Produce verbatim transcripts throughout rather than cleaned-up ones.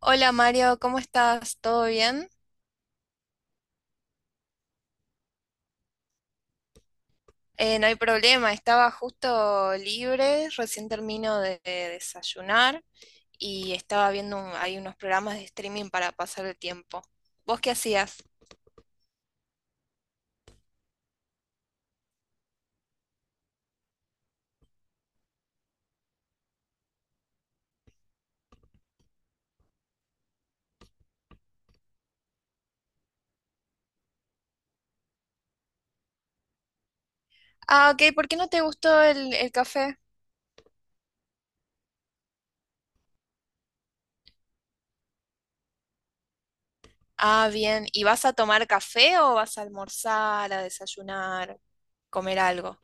Hola Mario, ¿cómo estás? ¿Todo bien? Eh, no hay problema, estaba justo libre, recién termino de, de desayunar y estaba viendo un- hay unos programas de streaming para pasar el tiempo. ¿Vos qué hacías? Ah, ok, ¿por qué no te gustó el, el café? Ah, bien, ¿y vas a tomar café o vas a almorzar, a desayunar, comer algo?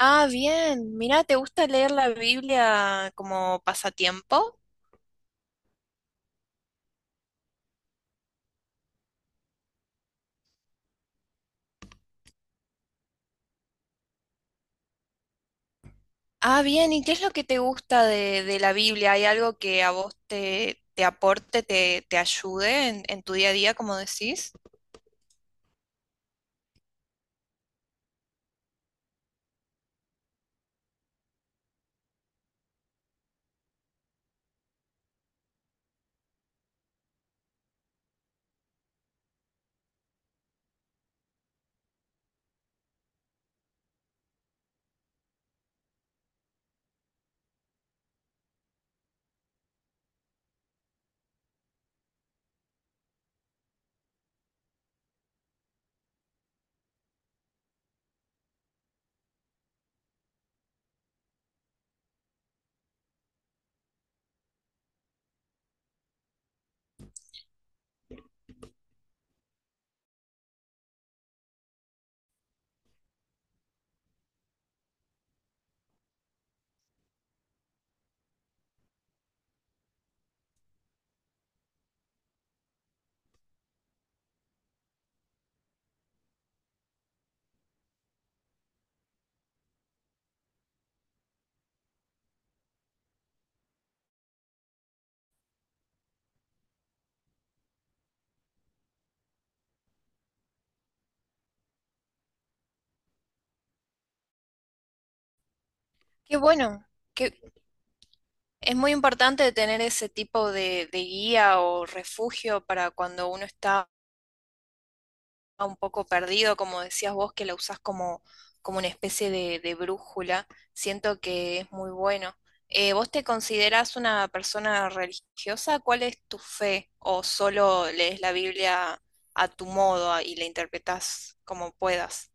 Ah, bien, mira, ¿te gusta leer la Biblia como pasatiempo? Ah, bien, ¿y qué es lo que te gusta de, de la Biblia? ¿Hay algo que a vos te, te aporte, te, te ayude en, en tu día a día, como decís? Qué bueno, que es muy importante tener ese tipo de, de guía o refugio para cuando uno está un poco perdido, como decías vos, que la usás como, como una especie de, de brújula. Siento que es muy bueno. Eh, ¿vos te considerás una persona religiosa? ¿Cuál es tu fe? ¿O solo lees la Biblia a tu modo a- y la interpretás como puedas?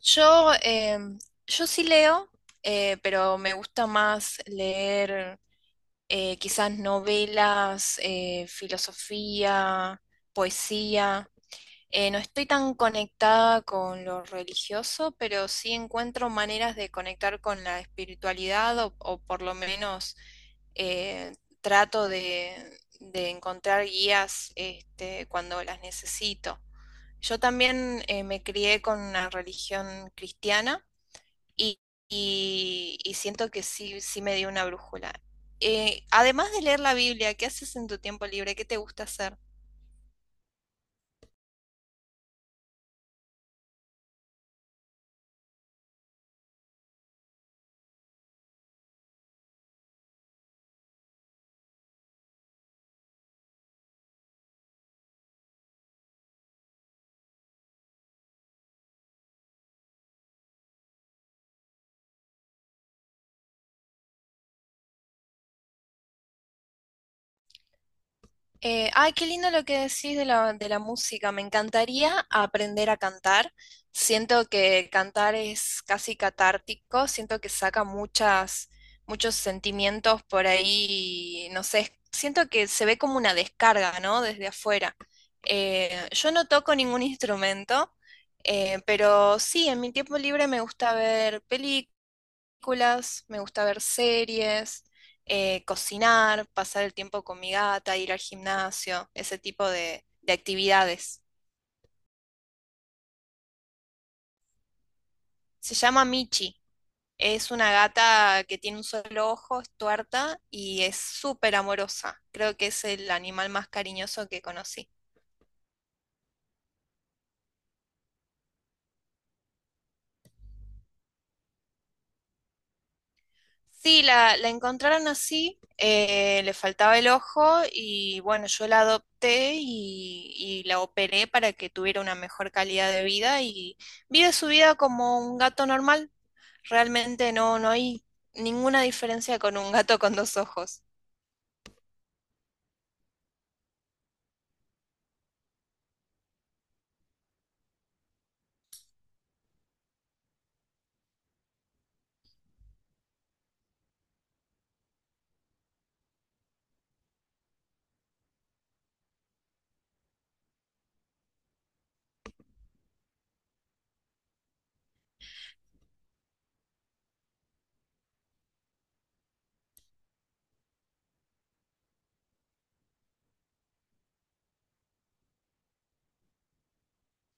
Yo, em, yo sí leo, eh, pero me gusta más leer eh, quizás novelas, eh, filosofía, poesía. Eh, no estoy tan conectada con lo religioso, pero sí encuentro maneras de conectar con la espiritualidad o, o por lo menos eh, trato de, de encontrar guías este, cuando las necesito. Yo también eh, me crié con una religión cristiana y, y- y siento que sí, sí me dio una brújula. Eh, además de leer la Biblia, ¿qué haces en tu tiempo libre? ¿Qué te gusta hacer? Eh, ay, qué lindo lo que decís de la, de la música. Me encantaría aprender a cantar. Siento que cantar es casi catártico. Siento que saca muchas, muchos sentimientos por ahí. No sé, es- siento que se ve como una descarga, ¿no? Desde afuera. Eh, yo no toco ningún instrumento, eh, pero sí, en mi tiempo libre me gusta ver películas películas, me gusta ver series, eh, cocinar, pasar el tiempo con mi gata, ir al gimnasio, ese tipo de, de actividades. Se llama Michi. Es una gata que tiene un solo ojo, es tuerta y es súper amorosa. Creo que es el animal más cariñoso que conocí. Sí, la, la encontraron así, eh, le faltaba el ojo y bueno, yo la adopté y, y la operé para que tuviera una mejor calidad de vida y vive su vida como un gato normal. Realmente no, no hay ninguna diferencia con un gato con dos ojos.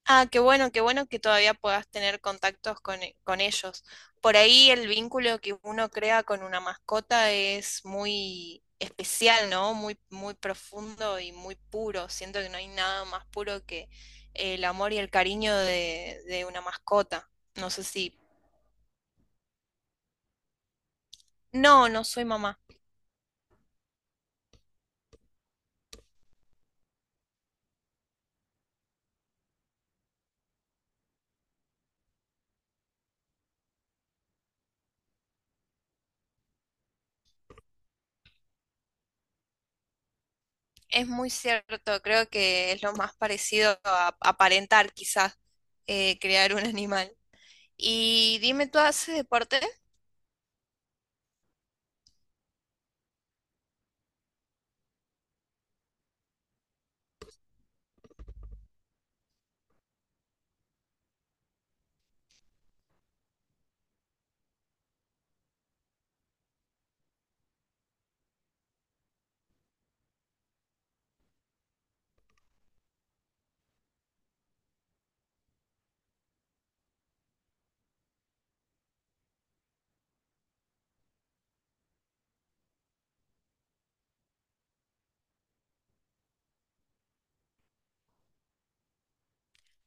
Ah, qué bueno, qué bueno que todavía puedas tener contactos con, e- con ellos. Por ahí el vínculo que uno crea con una mascota es muy especial, ¿no? Muy, muy profundo y muy puro. Siento que no hay nada más puro que el amor y el cariño de, de una mascota. No sé si... No, no soy mamá. Es muy cierto. Creo que es lo más parecido a aparentar, quizás, eh, crear un animal. Y dime, ¿tú haces deporte?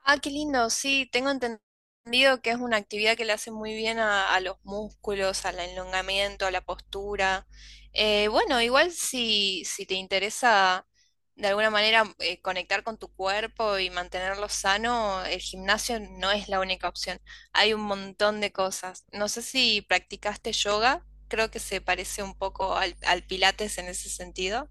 Ah, qué lindo, sí, tengo entendido que es una actividad que le hace muy bien a, a los músculos, al elongamiento, a la postura. Eh, bueno, igual si, si te interesa de alguna manera eh, conectar con tu cuerpo y mantenerlo sano, el gimnasio no es la única opción. Hay un montón de cosas. No sé si practicaste yoga, creo que se parece un poco al, al Pilates en ese sentido.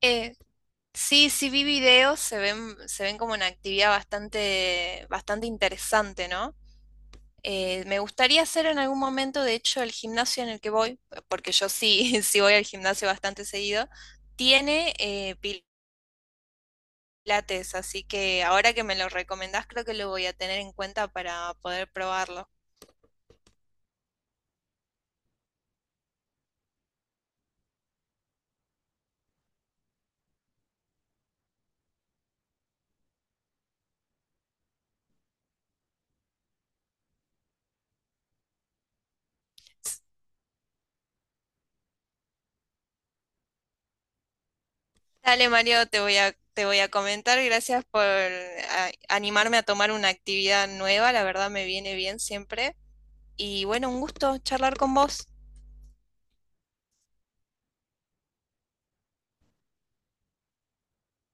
Eh, sí, sí vi videos, se ven, se ven como una actividad bastante, bastante interesante, ¿no? Eh, me gustaría hacer en algún momento, de hecho, el gimnasio en el que voy, porque yo sí, sí voy al gimnasio bastante seguido, tiene eh, pilates, así que ahora que me lo recomendás, creo que lo voy a tener en cuenta para poder probarlo. Dale, Mario, te voy a, te voy a comentar. Gracias por a- animarme a tomar una actividad nueva, la verdad me viene bien siempre. Y bueno, un gusto charlar con vos.